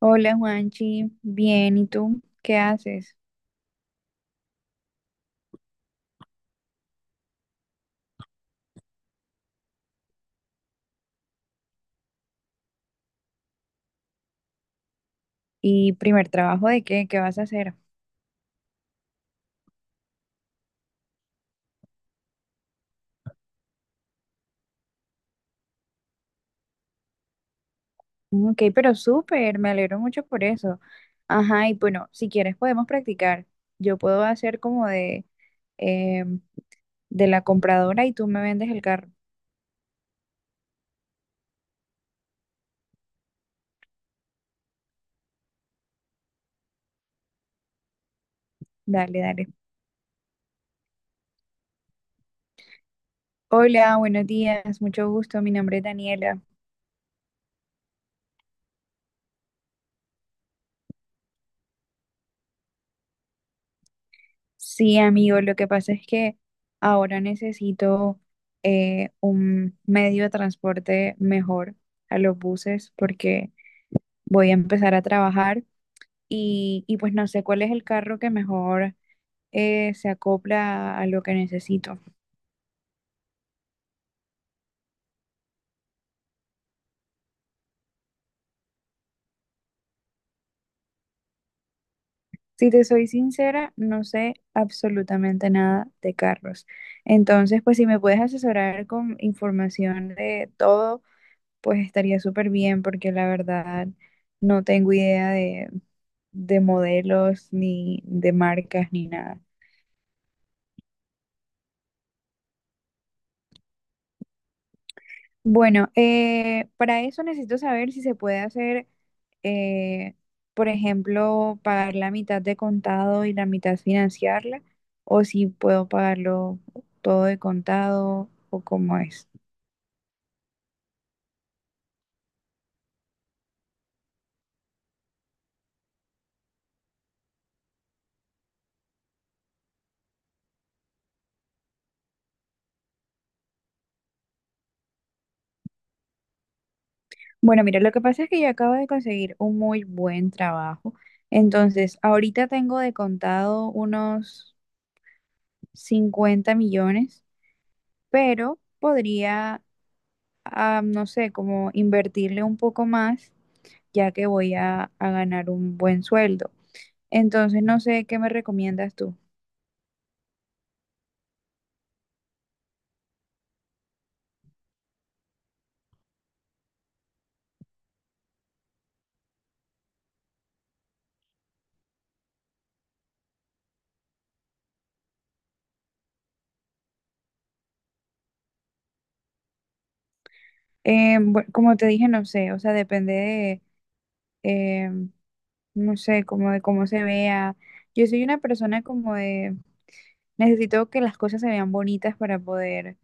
Hola Juanchi, bien, ¿y tú qué haces? ¿Y primer trabajo de qué? ¿Qué vas a hacer? Ok, pero súper, me alegro mucho por eso. Ajá, y bueno, si quieres podemos practicar. Yo puedo hacer como eh, de la compradora y tú me vendes el carro. Dale, dale. Hola, buenos días, mucho gusto, mi nombre es Daniela. Sí, amigo, lo que pasa es que ahora necesito un medio de transporte mejor a los buses porque voy a empezar a trabajar y, pues no sé cuál es el carro que mejor se acopla a lo que necesito. Si te soy sincera, no sé absolutamente nada de carros. Entonces, pues si me puedes asesorar con información de todo, pues estaría súper bien porque la verdad no tengo idea de modelos ni de marcas ni nada. Bueno, para eso necesito saber si se puede hacer, eh, por ejemplo, pagar la mitad de contado y la mitad financiarla, o si puedo pagarlo todo de contado o cómo es. Bueno, mira, lo que pasa es que yo acabo de conseguir un muy buen trabajo, entonces ahorita tengo de contado unos 50 millones, pero podría, ah, no sé, como invertirle un poco más ya que voy a ganar un buen sueldo. Entonces, no sé qué me recomiendas tú. Como te dije, no sé, o sea, depende de, eh, no sé, como de cómo se vea. Yo soy una persona como de, necesito que las cosas se vean bonitas para poder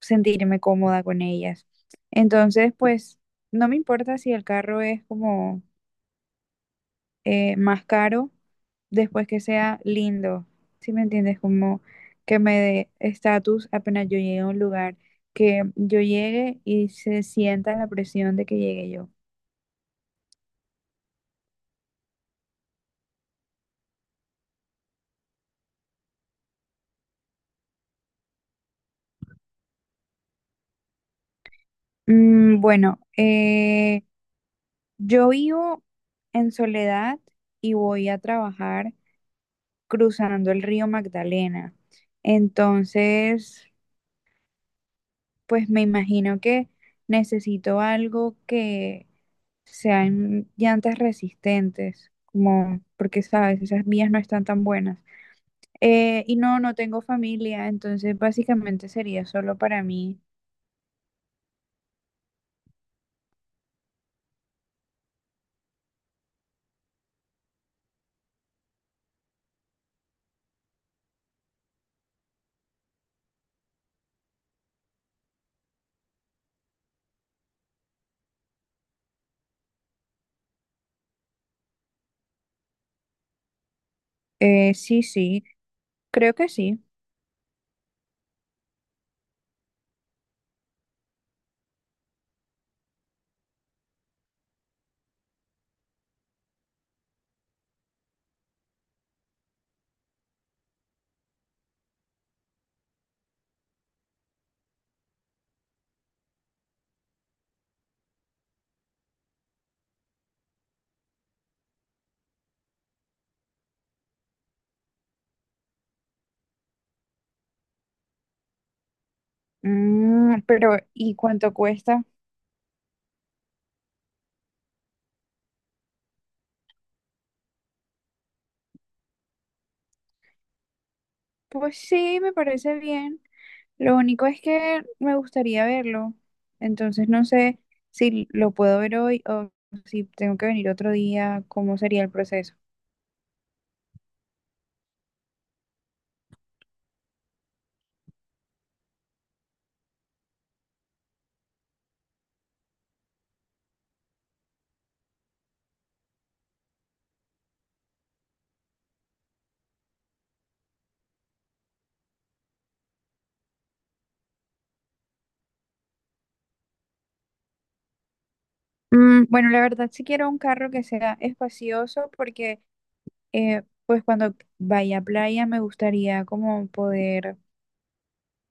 sentirme cómoda con ellas. Entonces, pues, no me importa si el carro es como más caro después que sea lindo. ¿Sí me entiendes? Como que me dé estatus apenas yo llegue a un lugar, que yo llegue y se sienta la presión de que llegue yo. Mm, bueno, yo vivo en Soledad y voy a trabajar cruzando el río Magdalena. Entonces, pues me imagino que necesito algo que sean llantas resistentes, como porque sabes, esas vías no están tan buenas. Y no, no tengo familia, entonces básicamente sería solo para mí. Sí, sí, creo que sí. Mm, pero ¿y cuánto cuesta? Pues sí, me parece bien. Lo único es que me gustaría verlo. Entonces no sé si lo puedo ver hoy o si tengo que venir otro día, cómo sería el proceso. Mm, bueno, la verdad sí quiero un carro que sea espacioso porque pues cuando vaya a playa me gustaría como poder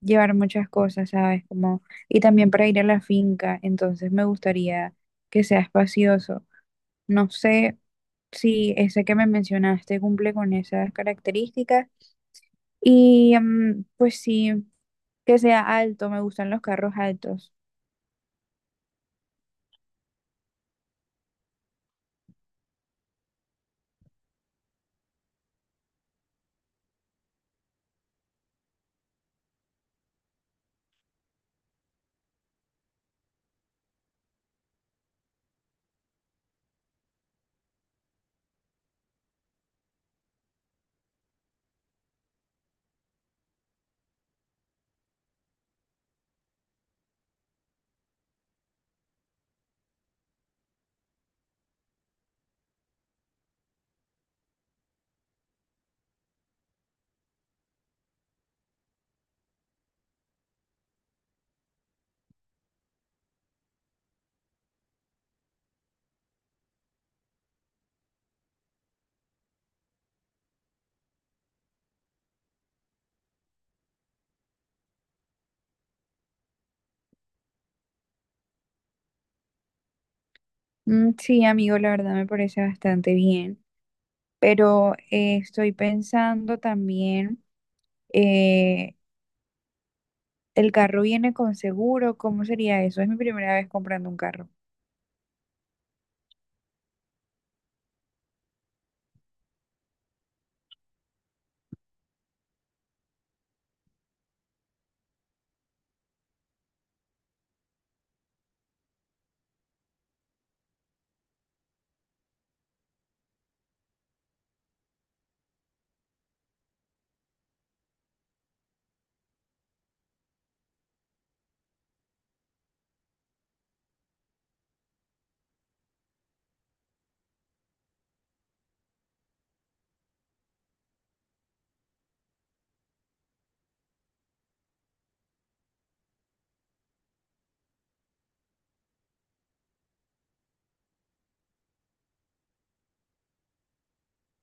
llevar muchas cosas, ¿sabes? Como, y también para ir a la finca, entonces me gustaría que sea espacioso. No sé si ese que me mencionaste cumple con esas características y mm, pues sí, que sea alto, me gustan los carros altos. Mm, sí, amigo, la verdad me parece bastante bien. Pero estoy pensando también, eh, ¿el carro viene con seguro? ¿Cómo sería eso? Es mi primera vez comprando un carro.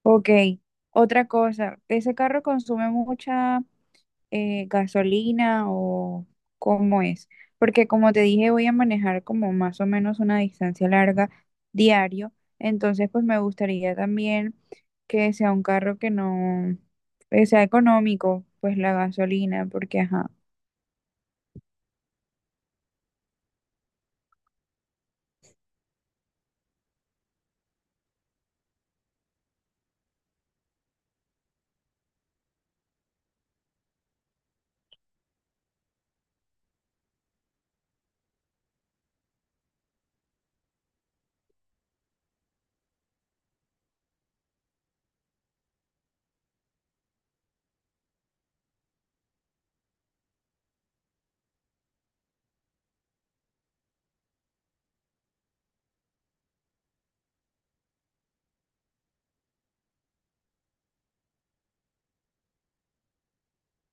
Ok, otra cosa, ¿ese carro consume mucha gasolina o cómo es? Porque como te dije, voy a manejar como más o menos una distancia larga diario, entonces pues me gustaría también que sea un carro que no, que sea económico, pues la gasolina, porque ajá.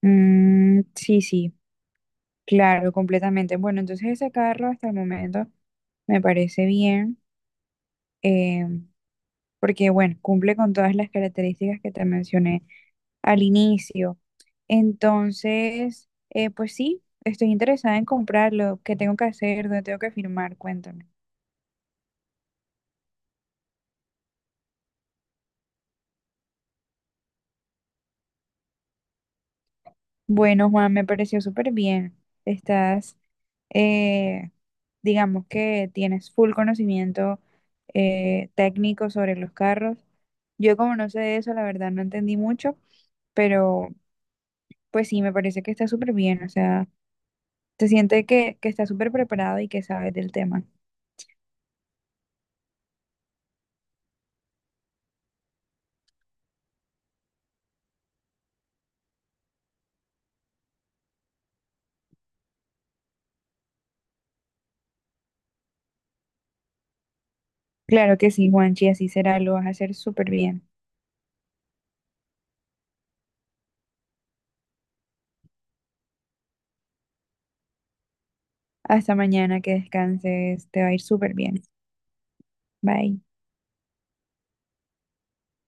Mm, sí, sí, claro, completamente. Bueno, entonces ese carro hasta el momento me parece bien, eh, porque bueno, cumple con todas las características que te mencioné al inicio. Entonces, pues sí, estoy interesada en comprarlo. ¿Qué tengo que hacer? ¿Dónde tengo que firmar? Cuéntame. Bueno, Juan, me pareció súper bien. Estás, eh, digamos que tienes full conocimiento técnico sobre los carros. Yo como no sé de eso, la verdad no entendí mucho, pero pues sí, me parece que está súper bien. O sea, se siente que estás súper preparado y que sabes del tema. Claro que sí, Juanchi, así será, lo vas a hacer súper bien. Hasta mañana, que descanses, te va a ir súper bien. Bye.